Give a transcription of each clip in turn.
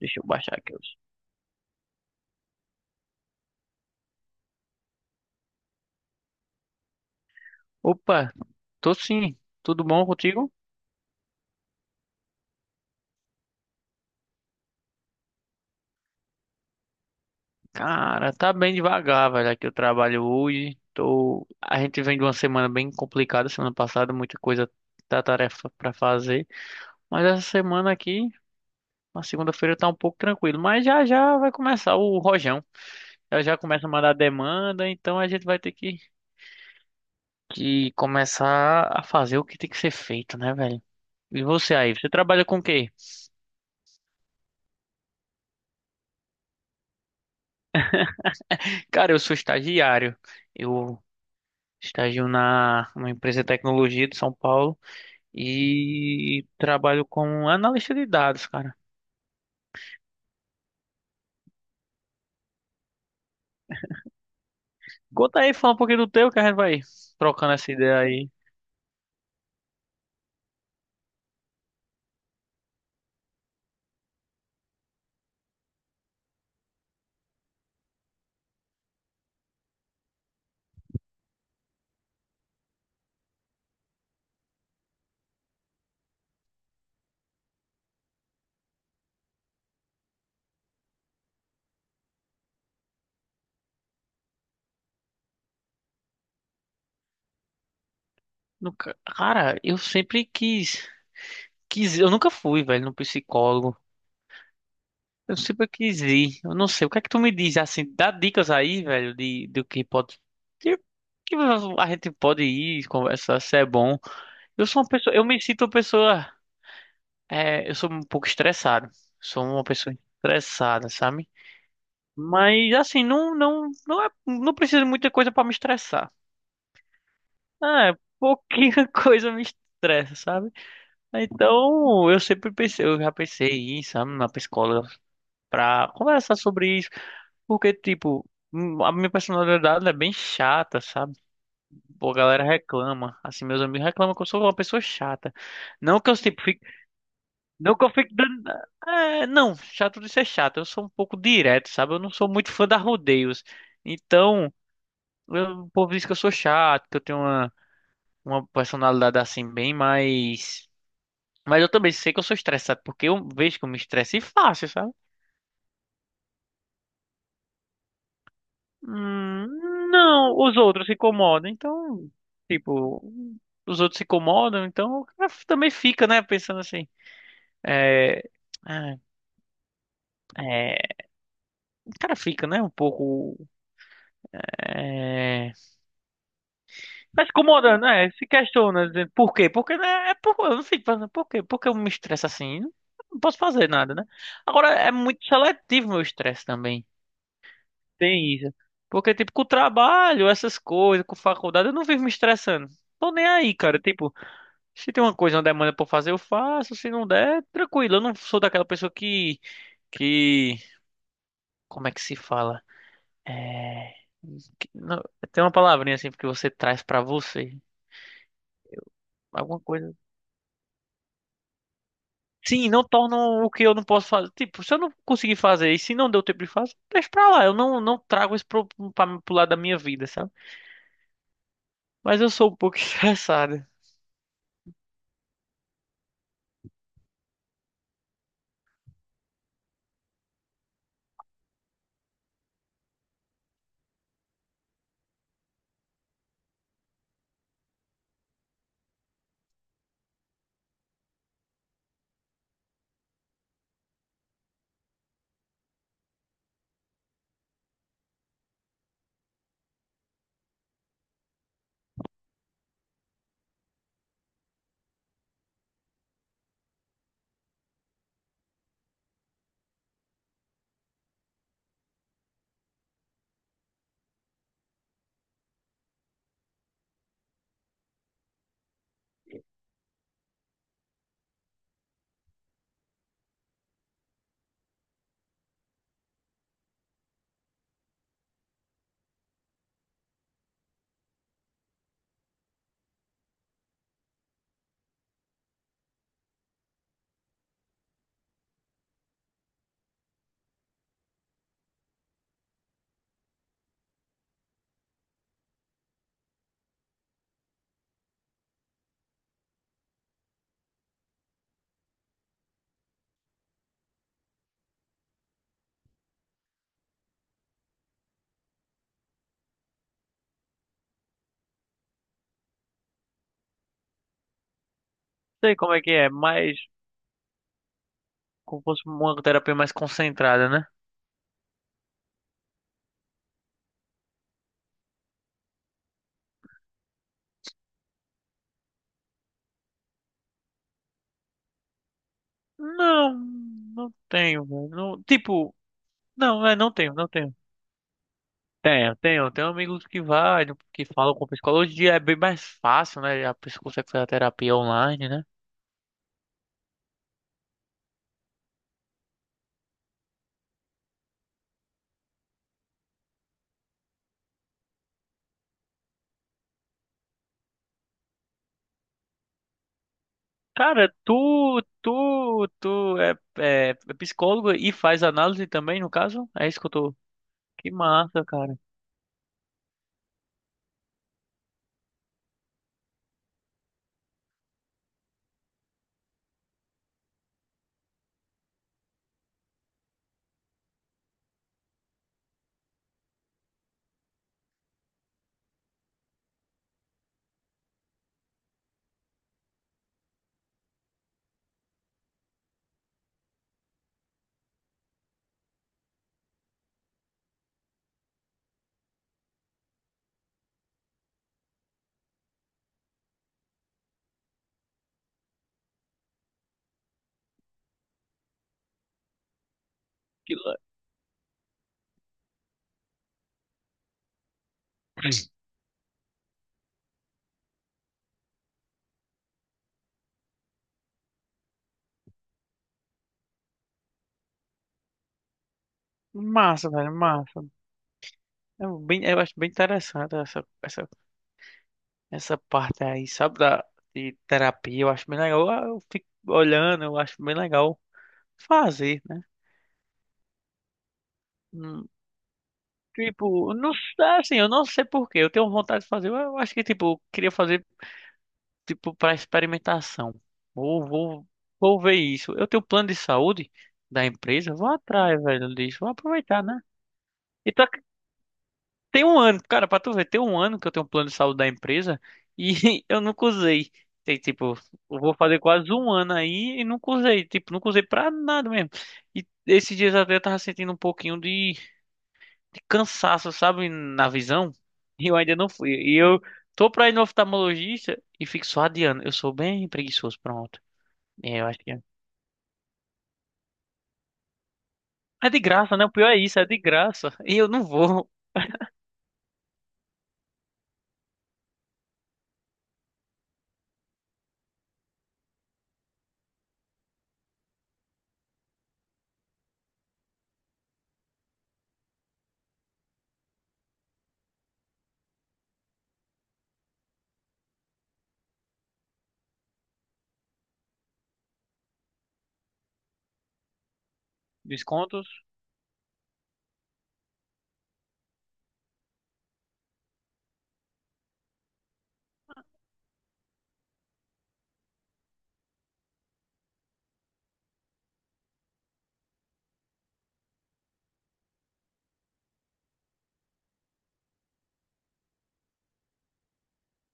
Deixa eu baixar aqui. Opa, tô sim. Tudo bom contigo? Cara, tá bem devagar, velho. Aqui eu trabalho hoje. A gente vem de uma semana bem complicada. Semana passada, muita coisa da tarefa pra fazer. Mas essa semana aqui, na segunda-feira, tá um pouco tranquilo. Mas já já vai começar o rojão. Já já começa a mandar demanda. Então a gente vai ter que começar a fazer o que tem que ser feito, né, velho? E você aí? Você trabalha com o quê? Cara, eu sou estagiário. Eu estagio na uma empresa de tecnologia de São Paulo e trabalho como analista de dados, cara. Conta aí, fala um pouquinho do teu, que a gente vai trocando essa ideia aí. Cara, eu sempre quis, eu nunca fui, velho, no psicólogo. Eu sempre quis ir. Eu não sei, o que é que tu me diz assim, dá dicas aí, velho, de do que pode de- que a gente pode ir, conversar, se é bom. Eu sou uma pessoa, eu me sinto uma pessoa. É, eu sou um pouco estressado. Sou uma pessoa estressada, sabe? Mas assim, não, não, não é, não precisa de muita coisa para me estressar. É, pouquinha coisa me estressa, sabe? Então, eu sempre pensei, eu já pensei em ir, sabe, na psicóloga pra conversar sobre isso, porque tipo, a minha personalidade é bem chata, sabe? Pô, a galera reclama, assim, meus amigos reclamam que eu sou uma pessoa chata. Não que eu tipo Não que eu fique dando. É, não, chato de ser chato. Eu sou um pouco direto, sabe? Eu não sou muito fã da rodeios. Então, o povo diz que eu sou chato, que eu tenho uma personalidade assim, bem mais. Mas eu também sei que eu sou estressado, porque eu vejo que eu me estresse fácil, sabe? Não, os outros se incomodam, então. Tipo, os outros se incomodam, então o cara também fica, né? Pensando assim. Ah, é, o cara fica, né? Um pouco. é, Mas incomoda, né? Se questiona, dizendo por quê? Porque, né? É por, eu não sei pensando, por quê? Porque eu me estresso assim? Não posso fazer nada, né? Agora, é muito seletivo meu estresse também. Tem isso. Porque, tipo, com o trabalho, essas coisas, com faculdade, eu não vivo me estressando. Tô nem aí, cara. Tipo, se tem uma coisa, uma demanda pra eu fazer, eu faço. Se não der, tranquilo. Eu não sou daquela pessoa que... Que... Como é que se fala? É... não, tem uma palavrinha assim que você traz pra você. Alguma coisa... Sim, não tornam o que eu não posso fazer. Tipo, se eu não conseguir fazer e se não deu tempo de fazer, deixa pra lá. Eu não trago isso pro lado da minha vida, sabe? Mas eu sou um pouco estressado. Sei como é que é, mas como fosse uma terapia mais concentrada, né? Não, não tenho, velho. Não, tipo, não, é, não tenho, não tenho. Tenho, tenho, tenho amigos que vai, que falam com psicologia, é bem mais fácil, né? A pessoa consegue fazer a terapia online, né? Cara, tu é psicólogo e faz análise também, no caso? É isso que eu tô. Que massa, cara. Que la- Massa, velho, massa. Eu acho bem interessante essa parte aí, sabe, de terapia. Eu acho bem legal. Eu fico olhando, eu acho bem legal fazer, né? Hum, Tipo, não sei, assim, eu não sei por quê. Eu tenho vontade de fazer. Eu acho que, tipo, eu queria fazer. Tipo, para experimentação. Vou, vou, vou ver isso. Eu tenho plano de saúde da empresa, vou atrás, velho, disso. Vou aproveitar, né? E tá, tem um ano, cara, pra tu ver, tem um ano que eu tenho um plano de saúde da empresa e eu nunca usei. Tem, tipo, eu vou fazer quase um ano aí e nunca usei. Tipo, nunca usei pra nada mesmo. E esses dias até eu tava sentindo um pouquinho de cansaço, sabe, na visão. E eu ainda não fui. E eu tô pra ir no oftalmologista e fico só adiando. Eu sou bem preguiçoso, pronto. É, eu acho que é. É de graça, né? O pior é isso, é de graça. E eu não vou. Descontos.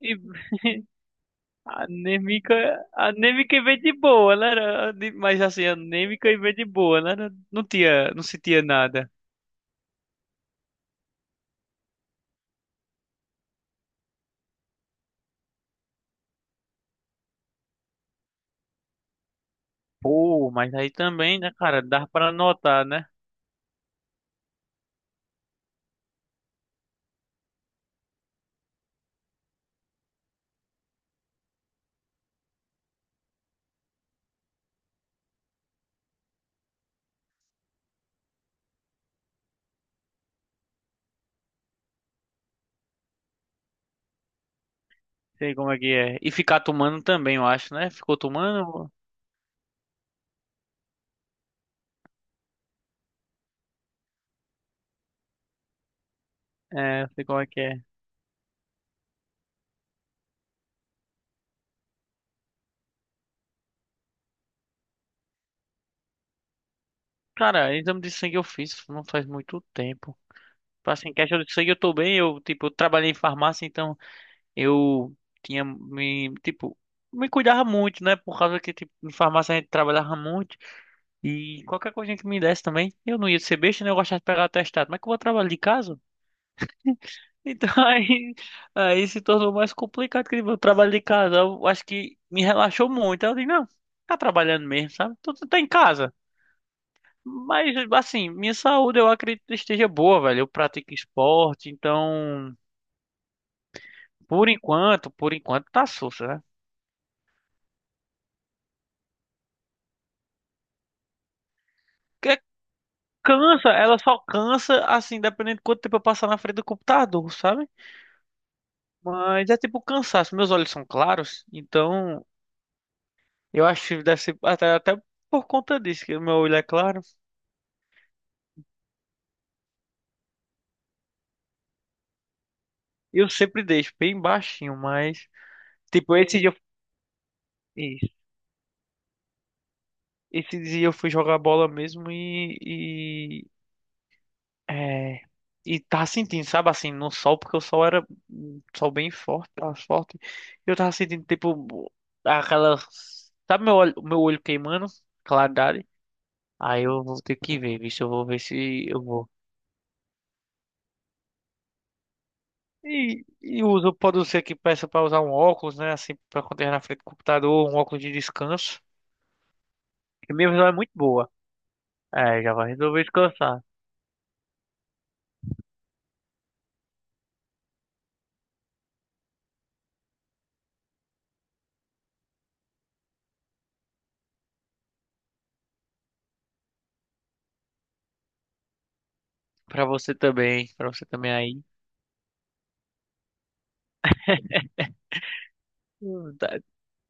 E a anêmica. A anêmica e vem de boa, né? Mas assim, a anêmica e vem de boa, né? Não tinha, não sentia nada. Pô, mas aí também, né, cara? Dá pra notar, né? Sei como é que é. E ficar tomando também, eu acho, né? Ficou tomando? É, sei como é que é. Cara, exame de sangue eu fiz não faz muito tempo. Tipo assim, questão de sangue eu tô bem. Eu, tipo, trabalhei em farmácia, então. Eu tinha me, tipo, Me cuidava muito, né? Por causa que, tipo, em farmácia a gente trabalhava muito. E qualquer coisinha que me desse também, eu não ia ser besta, né? Eu gostava de pegar atestado. Mas que eu vou trabalhar de casa? Então aí se tornou mais complicado que o trabalho de casa. Eu acho que me relaxou muito. Eu disse, não, tá trabalhando mesmo, sabe? Tu tá em casa. Mas, assim, minha saúde eu acredito que esteja boa, velho. Eu pratico esporte, então, por enquanto tá sussa, né? Cansa, ela só cansa, assim, dependendo de quanto tempo eu passar na frente do computador, sabe? Mas é tipo cansaço. Meus olhos são claros, então eu acho que deve ser até por conta disso, que o meu olho é claro. Eu sempre deixo bem baixinho, mas, tipo, isso, esse dia eu fui jogar bola mesmo É, e tava sentindo, sabe, assim, no sol, porque o sol era um sol bem forte, tava forte. E eu tava sentindo, tipo, aquela. Sabe meu olho queimando? Claridade. Aí eu vou ter que ver, visto, eu vou ver se eu vou. E uso, pode ser que peça pra usar um óculos, né, assim, pra acontecer na frente do computador, um óculos de descanso. E minha visão é muito boa. É, já vai resolver descansar. Pra você também aí. Tá,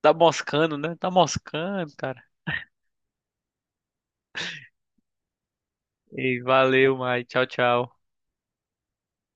tá moscando, né? Tá moscando, cara. E valeu, Mai. Tchau, tchau.